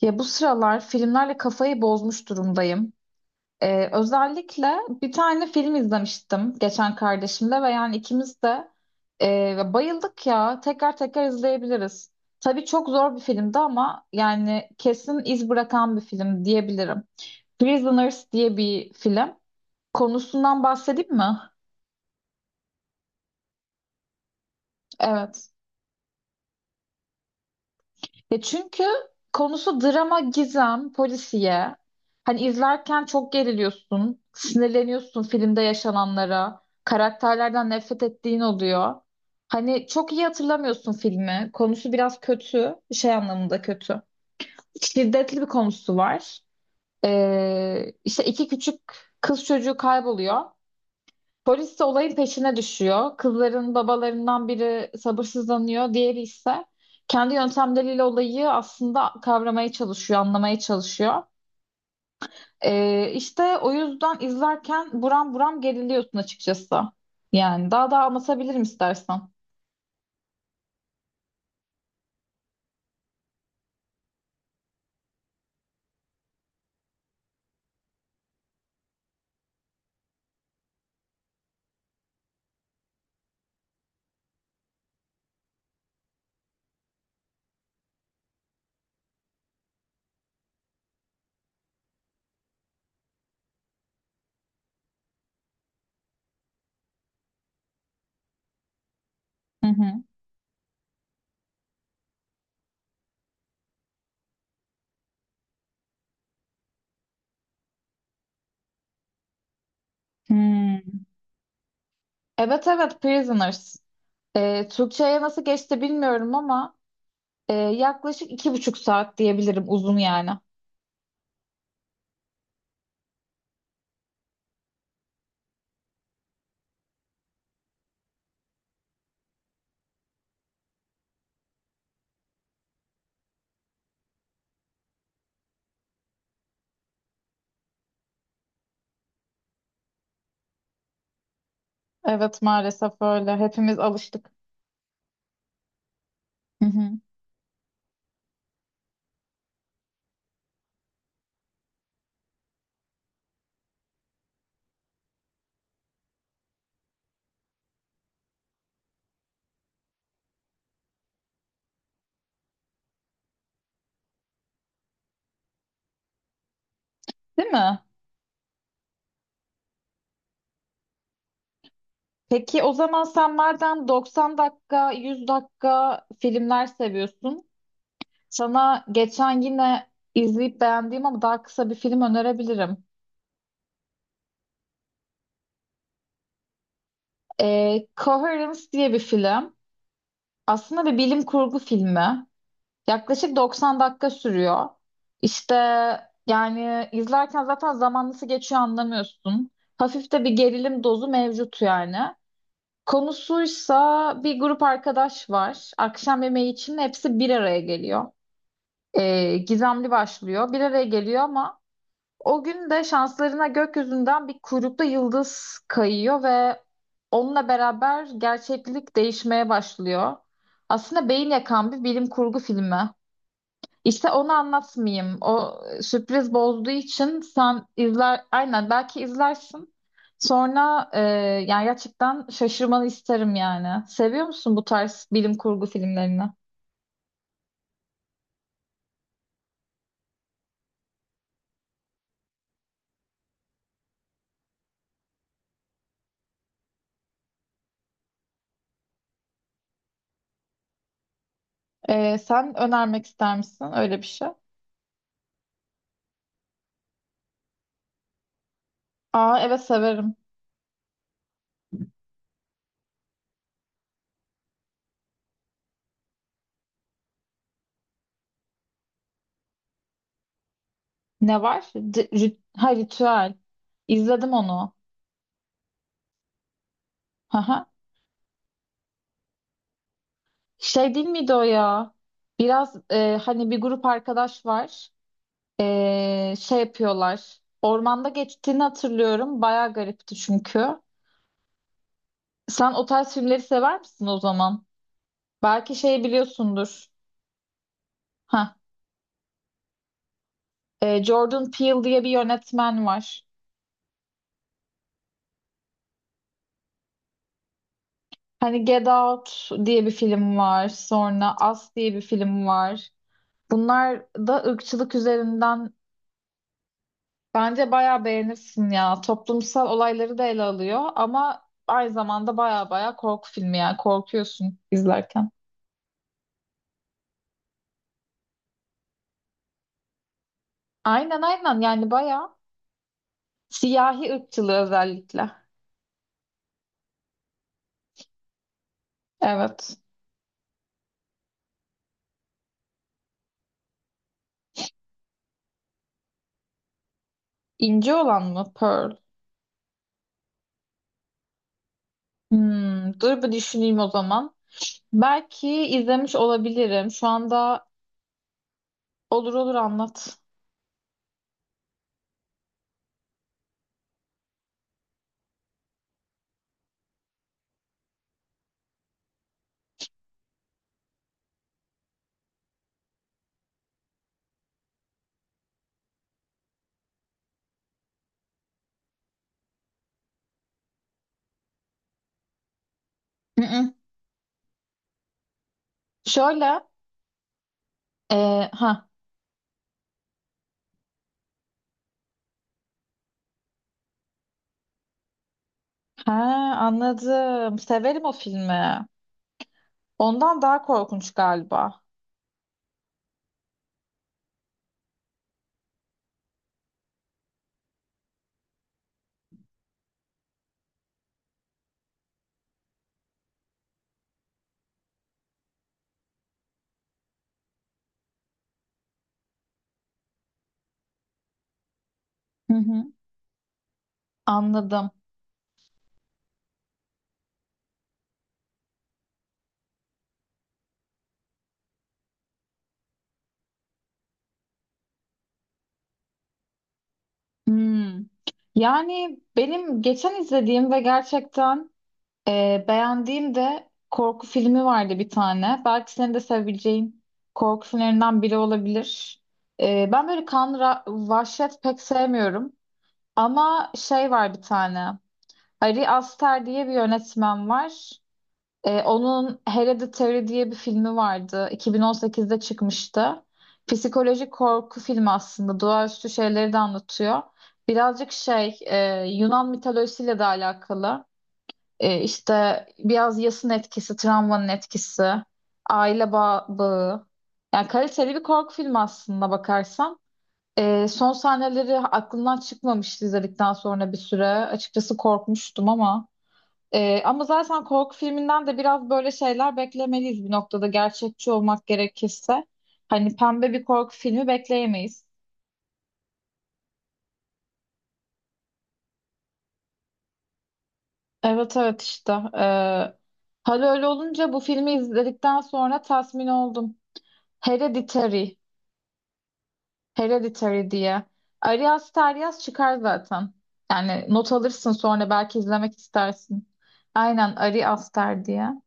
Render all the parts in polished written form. Ya bu sıralar filmlerle kafayı bozmuş durumdayım. Özellikle bir tane film izlemiştim geçen kardeşimle ve yani ikimiz de bayıldık ya. Tekrar tekrar izleyebiliriz. Tabii çok zor bir filmdi ama yani kesin iz bırakan bir film diyebilirim. Prisoners diye bir film. Konusundan bahsedeyim mi? Evet. Ya çünkü konusu drama, gizem, polisiye. Hani izlerken çok geriliyorsun, sinirleniyorsun filmde yaşananlara, karakterlerden nefret ettiğin oluyor. Hani çok iyi hatırlamıyorsun filmi. Konusu biraz kötü, şey anlamında kötü. Şiddetli bir konusu var. İşte iki küçük kız çocuğu kayboluyor. Polis de olayın peşine düşüyor. Kızların babalarından biri sabırsızlanıyor, diğeri ise kendi yöntemleriyle olayı aslında kavramaya çalışıyor, anlamaya çalışıyor. İşte o yüzden izlerken buram buram geriliyorsun açıkçası. Yani daha da anlatabilirim istersen. Hı hı. Hmm. Evet evet Prisoners. Türkçe'ye nasıl geçti bilmiyorum ama yaklaşık iki buçuk saat diyebilirim uzun yani. Evet maalesef öyle. Hepimiz alıştık. Hı hı. Değil mi? Peki o zaman sen madem 90 dakika, 100 dakika filmler seviyorsun, sana geçen yine izleyip beğendiğim ama daha kısa bir film önerebilirim. Coherence diye bir film. Aslında bir bilim kurgu filmi. Yaklaşık 90 dakika sürüyor. İşte yani izlerken zaten zaman nasıl geçiyor anlamıyorsun. Hafif de bir gerilim dozu mevcut yani. Konusuysa bir grup arkadaş var. Akşam yemeği için hepsi bir araya geliyor. Gizemli başlıyor. Bir araya geliyor ama o gün de şanslarına gökyüzünden bir kuyruklu yıldız kayıyor ve onunla beraber gerçeklik değişmeye başlıyor. Aslında beyin yakan bir bilim kurgu filmi. İşte onu anlatmayayım. O sürpriz bozduğu için sen izler, aynen belki izlersin. Sonra yani gerçekten şaşırmanı isterim yani. Seviyor musun bu tarz bilim kurgu filmlerini? Sen önermek ister misin öyle bir şey? Aa evet severim. Ne var? Ha ritüel. İzledim onu. Haha. Şey değil miydi o ya? Biraz hani bir grup arkadaş var. Şey yapıyorlar. Ormanda geçtiğini hatırlıyorum. Bayağı garipti çünkü. Sen o tarz filmleri sever misin o zaman? Belki şeyi biliyorsundur. Ha, Jordan Peele diye bir yönetmen var. Hani Get Out diye bir film var. Sonra Us diye bir film var. Bunlar da ırkçılık üzerinden. Bence bayağı beğenirsin ya. Toplumsal olayları da ele alıyor ama aynı zamanda bayağı bayağı korku filmi yani korkuyorsun izlerken. Aynen aynen yani bayağı siyahi ırkçılığı özellikle. Evet. İnce olan mı? Pearl. Hmm, dur bir düşüneyim o zaman. Belki izlemiş olabilirim. Şu anda olur olur anlat. Hı hı. Şöyle e, ha ha anladım. Severim o filmi. Ondan daha korkunç galiba. Hı hı, anladım. Hmm. Yani benim geçen izlediğim ve gerçekten beğendiğim de korku filmi vardı bir tane. Belki senin de sevebileceğin korku filmlerinden biri olabilir. Ben böyle kan, vahşet pek sevmiyorum. Ama şey var bir tane. Ari Aster diye bir yönetmen var. Onun Hereditary diye bir filmi vardı. 2018'de çıkmıştı. Psikolojik korku filmi aslında. Doğaüstü şeyleri de anlatıyor. Birazcık şey, Yunan mitolojisiyle de alakalı. İşte biraz yasın etkisi, travmanın etkisi, aile bağı. Yani kaliteli bir korku filmi aslında bakarsan. Son sahneleri aklımdan çıkmamıştı izledikten sonra bir süre. Açıkçası korkmuştum ama. Ama zaten korku filminden de biraz böyle şeyler beklemeliyiz bir noktada gerçekçi olmak gerekirse. Hani pembe bir korku filmi bekleyemeyiz. Evet evet işte. Hal öyle olunca bu filmi izledikten sonra tatmin oldum. Hereditary. Hereditary diye. Arias Taryas çıkar zaten. Yani not alırsın sonra belki izlemek istersin. Aynen Ari Aster diye.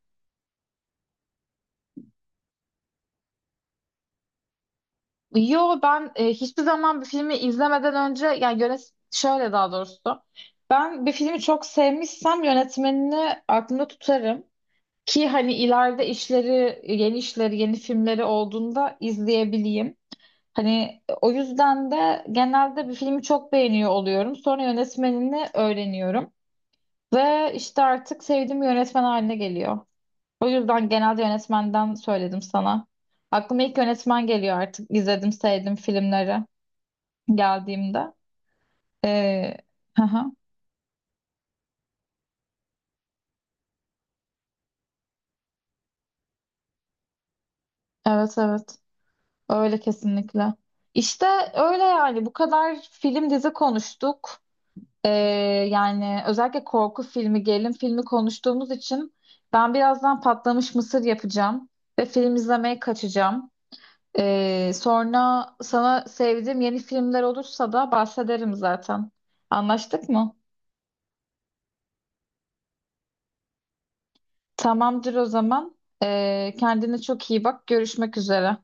Yo ben hiçbir zaman bir filmi izlemeden önce yani şöyle daha doğrusu. Ben bir filmi çok sevmişsem yönetmenini aklımda tutarım. Ki hani ileride işleri, yeni işleri, yeni filmleri olduğunda izleyebileyim. Hani o yüzden de genelde bir filmi çok beğeniyor oluyorum. Sonra yönetmenini öğreniyorum. Ve işte artık sevdiğim bir yönetmen haline geliyor. O yüzden genelde yönetmenden söyledim sana. Aklıma ilk yönetmen geliyor artık. İzledim, sevdim filmleri geldiğimde. Ee, hı hı. Evet evet. Öyle kesinlikle. İşte öyle yani. Bu kadar film dizi konuştuk. Ee, Yani özellikle korku filmi, gerilim filmi konuştuğumuz için ben birazdan patlamış mısır yapacağım ve film izlemeye kaçacağım. Sonra sana sevdiğim yeni filmler olursa da bahsederim zaten. Anlaştık mı? Tamamdır o zaman. Kendine çok iyi bak. Görüşmek üzere.